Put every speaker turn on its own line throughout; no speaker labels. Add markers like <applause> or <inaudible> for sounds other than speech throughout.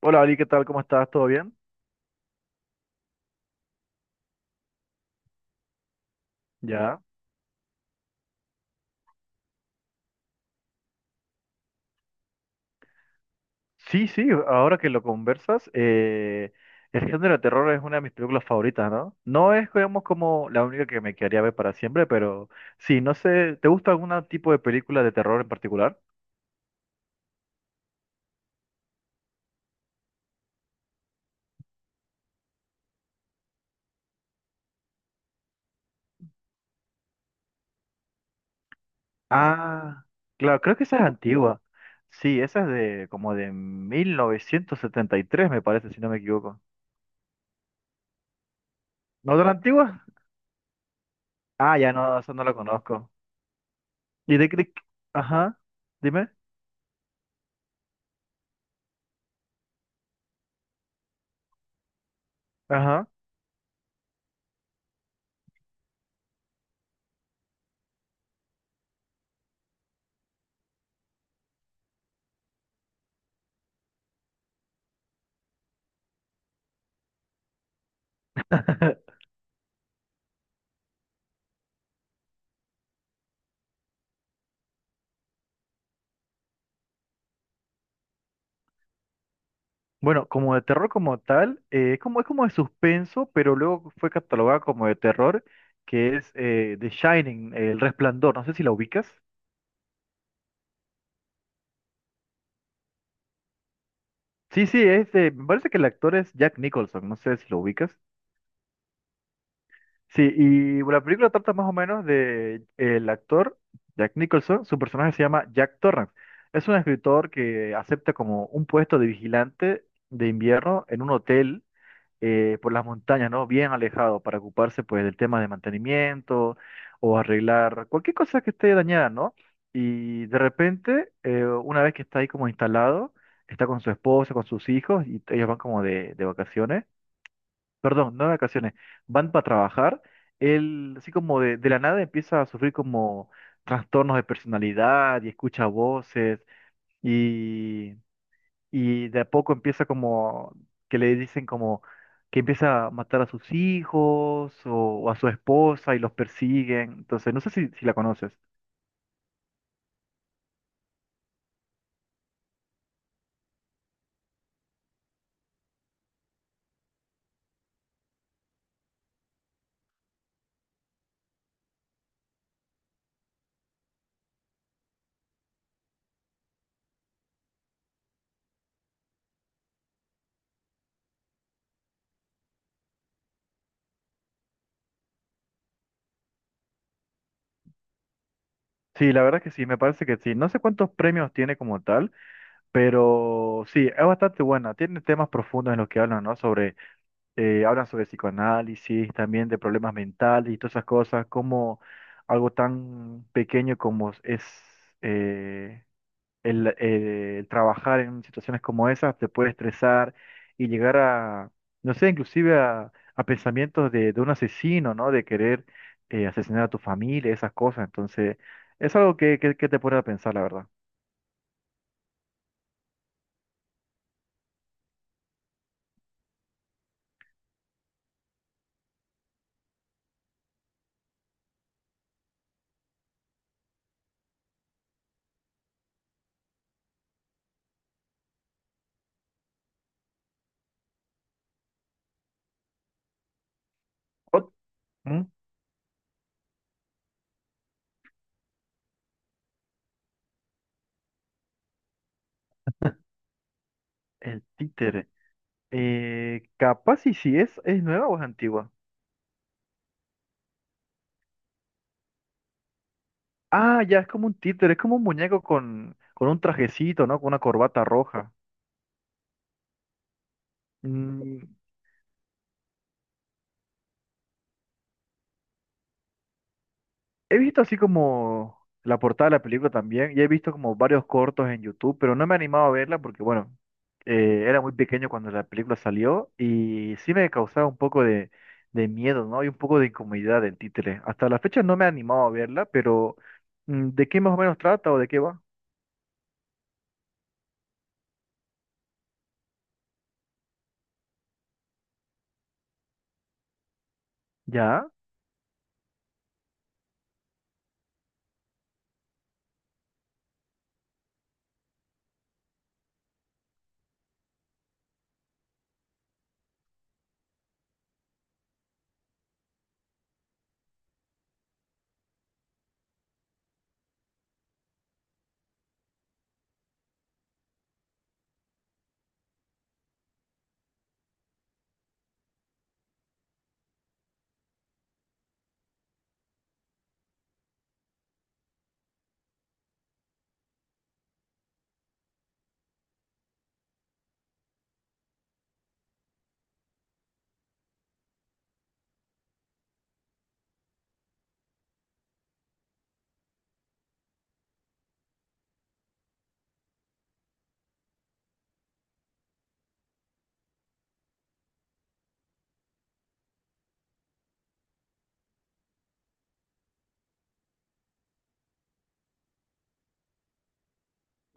Hola Ali, ¿qué tal? ¿Cómo estás? ¿Todo bien? Ya. Sí, sí, ahora que lo conversas, el género de terror es una de mis películas favoritas, ¿no? No es, digamos, como la única que me quedaría ver para siempre, pero sí, no sé, ¿te gusta algún tipo de película de terror en particular? Ah, claro, creo que esa es antigua. Sí, esa es de como de 1973, me parece, si no me equivoco. ¿No tan antigua? Ah, ya no, esa no la conozco. ¿Y de qué? Ajá, dime. Ajá. <laughs> Bueno, como de terror como tal, es como de suspenso, pero luego fue catalogada como de terror, que es The Shining, El Resplandor, no sé si la ubicas. Sí, sí, es de, me parece que el actor es Jack Nicholson, no sé si lo ubicas. Sí, y la película trata más o menos de el actor Jack Nicholson, su personaje se llama Jack Torrance. Es un escritor que acepta como un puesto de vigilante de invierno en un hotel por las montañas, ¿no? Bien alejado para ocuparse pues del tema de mantenimiento o arreglar cualquier cosa que esté dañada, ¿no? Y de repente, una vez que está ahí como instalado, está con su esposa, con sus hijos y ellos van como de vacaciones, perdón, no de vacaciones, van para trabajar, él así como de la nada empieza a sufrir como trastornos de personalidad y escucha voces. Y y de a poco empieza como que le dicen como que empieza a matar a sus hijos o a su esposa y los persiguen. Entonces, no sé si la conoces. Sí, la verdad que sí, me parece que sí. No sé cuántos premios tiene como tal, pero sí, es bastante buena. Tiene temas profundos en los que hablan, ¿no? Sobre, hablan sobre psicoanálisis, también de problemas mentales y todas esas cosas, como algo tan pequeño como es eh, el trabajar en situaciones como esas te puede estresar y llegar a, no sé, inclusive a pensamientos de un asesino, ¿no? De querer asesinar a tu familia, esas cosas. Entonces, es algo que te pone a pensar, la verdad. Ot- ¿Mm? El títere. Capaz y si es nueva o es antigua. Ah, ya, es como un títere, es como un muñeco con un trajecito, ¿no? Con una corbata roja. Mm, He visto así como la portada de la película también y he visto como varios cortos en YouTube, pero no me he animado a verla porque, bueno, era muy pequeño cuando la película salió y sí me causaba un poco de miedo, ¿no? Y un poco de incomodidad el títere. Hasta la fecha no me he animado a verla, pero ¿de qué más o menos trata o de qué va? ¿Ya?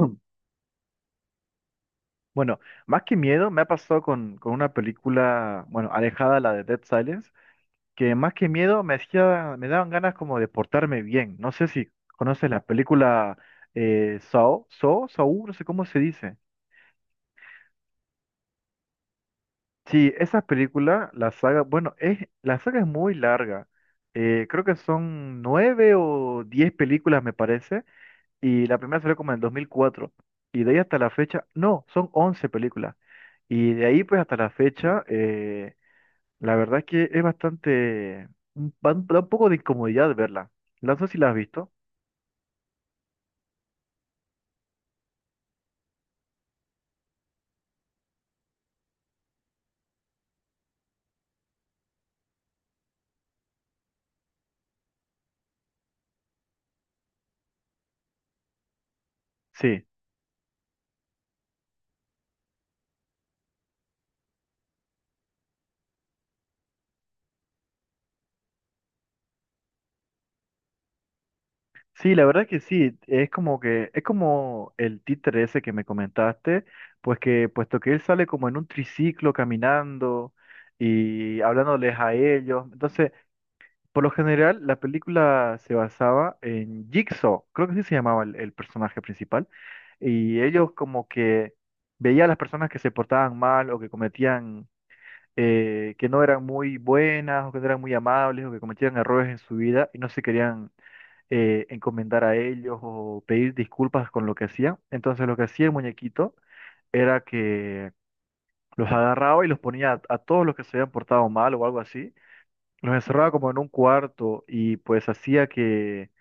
<clears throat> Mm. Bueno, más que miedo, me ha pasado con una película, bueno, alejada de la de Dead Silence, que más que miedo me hacía, me daban ganas como de portarme bien. No sé si conoces la película Saw, Saw, Saw, no sé cómo se dice. Sí, esa película, la saga, bueno, la saga es muy larga. Creo que son nueve o diez películas, me parece, y la primera salió como en el 2004. Y de ahí hasta la fecha, no, son 11 películas. Y de ahí pues hasta la fecha, la verdad es que es bastante, da un poco de incomodidad verla. No sé si la has visto. Sí, sí, la verdad que sí, es como que, es como el títere ese que me comentaste, pues que, puesto que él sale como en un triciclo caminando y hablándoles a ellos, entonces, por lo general, la película se basaba en Jigsaw, creo que sí se llamaba el personaje principal, y ellos como que veían a las personas que se portaban mal o que cometían, que no eran muy buenas o que no eran muy amables o que cometían errores en su vida y no se querían encomendar a ellos o pedir disculpas con lo que hacían. Entonces lo que hacía el muñequito era que los agarraba y los ponía a todos los que se habían portado mal o algo así, los encerraba como en un cuarto y pues hacía que,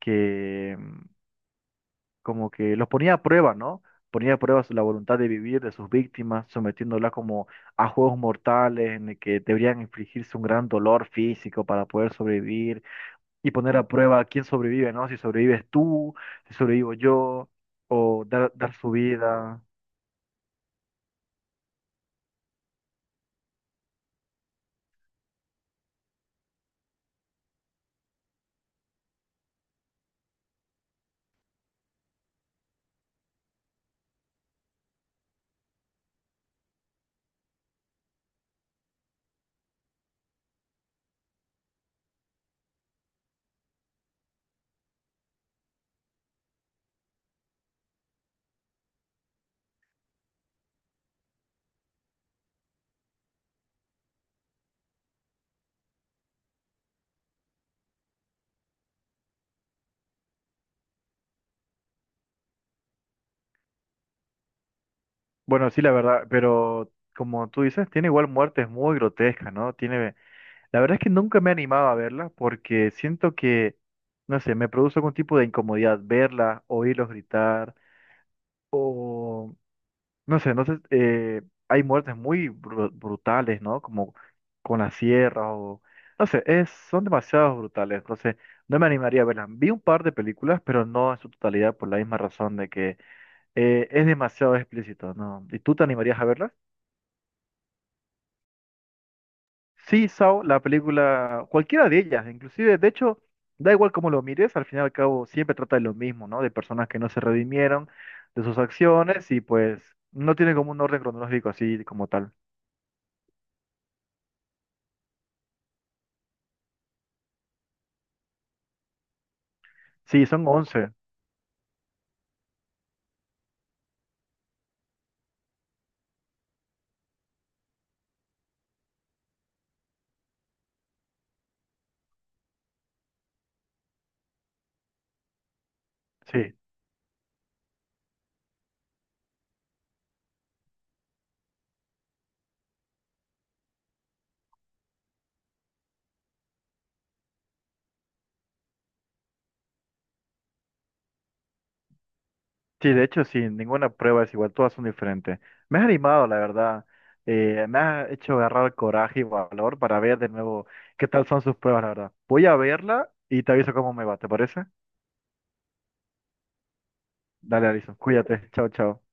que mm, como que los ponía a prueba, ¿no? Ponía a prueba la voluntad de vivir de sus víctimas, sometiéndolas como a juegos mortales en el que deberían infligirse un gran dolor físico para poder sobrevivir y poner a prueba quién sobrevive, ¿no? Si sobrevives tú, si sobrevivo yo, o dar su vida. Bueno, sí, la verdad, pero como tú dices, tiene igual muertes muy grotescas, ¿no? Tiene, la verdad es que nunca me he animado a verla porque siento que, no sé, me produce algún tipo de incomodidad verla, oírlos gritar o... No sé, entonces hay muertes muy brutales, ¿no? Como con la sierra o... No sé, son demasiado brutales, entonces no me animaría a verlas. Vi un par de películas, pero no en su totalidad por la misma razón de que es demasiado explícito, ¿no? ¿Y tú te animarías a verlas? Sí, Saw, la película, cualquiera de ellas, inclusive, de hecho, da igual cómo lo mires, al final y al cabo siempre trata de lo mismo, ¿no? De personas que no se redimieron de sus acciones y pues no tiene como un orden cronológico así como tal. Sí, son 11. Sí, sí, de hecho, sí, ninguna prueba es igual, todas son diferentes. Me has animado, la verdad. Me has hecho agarrar coraje y valor para ver de nuevo qué tal son sus pruebas, la verdad. Voy a verla y te aviso cómo me va, ¿te parece? Dale, Alison, cuídate. Chao, chao.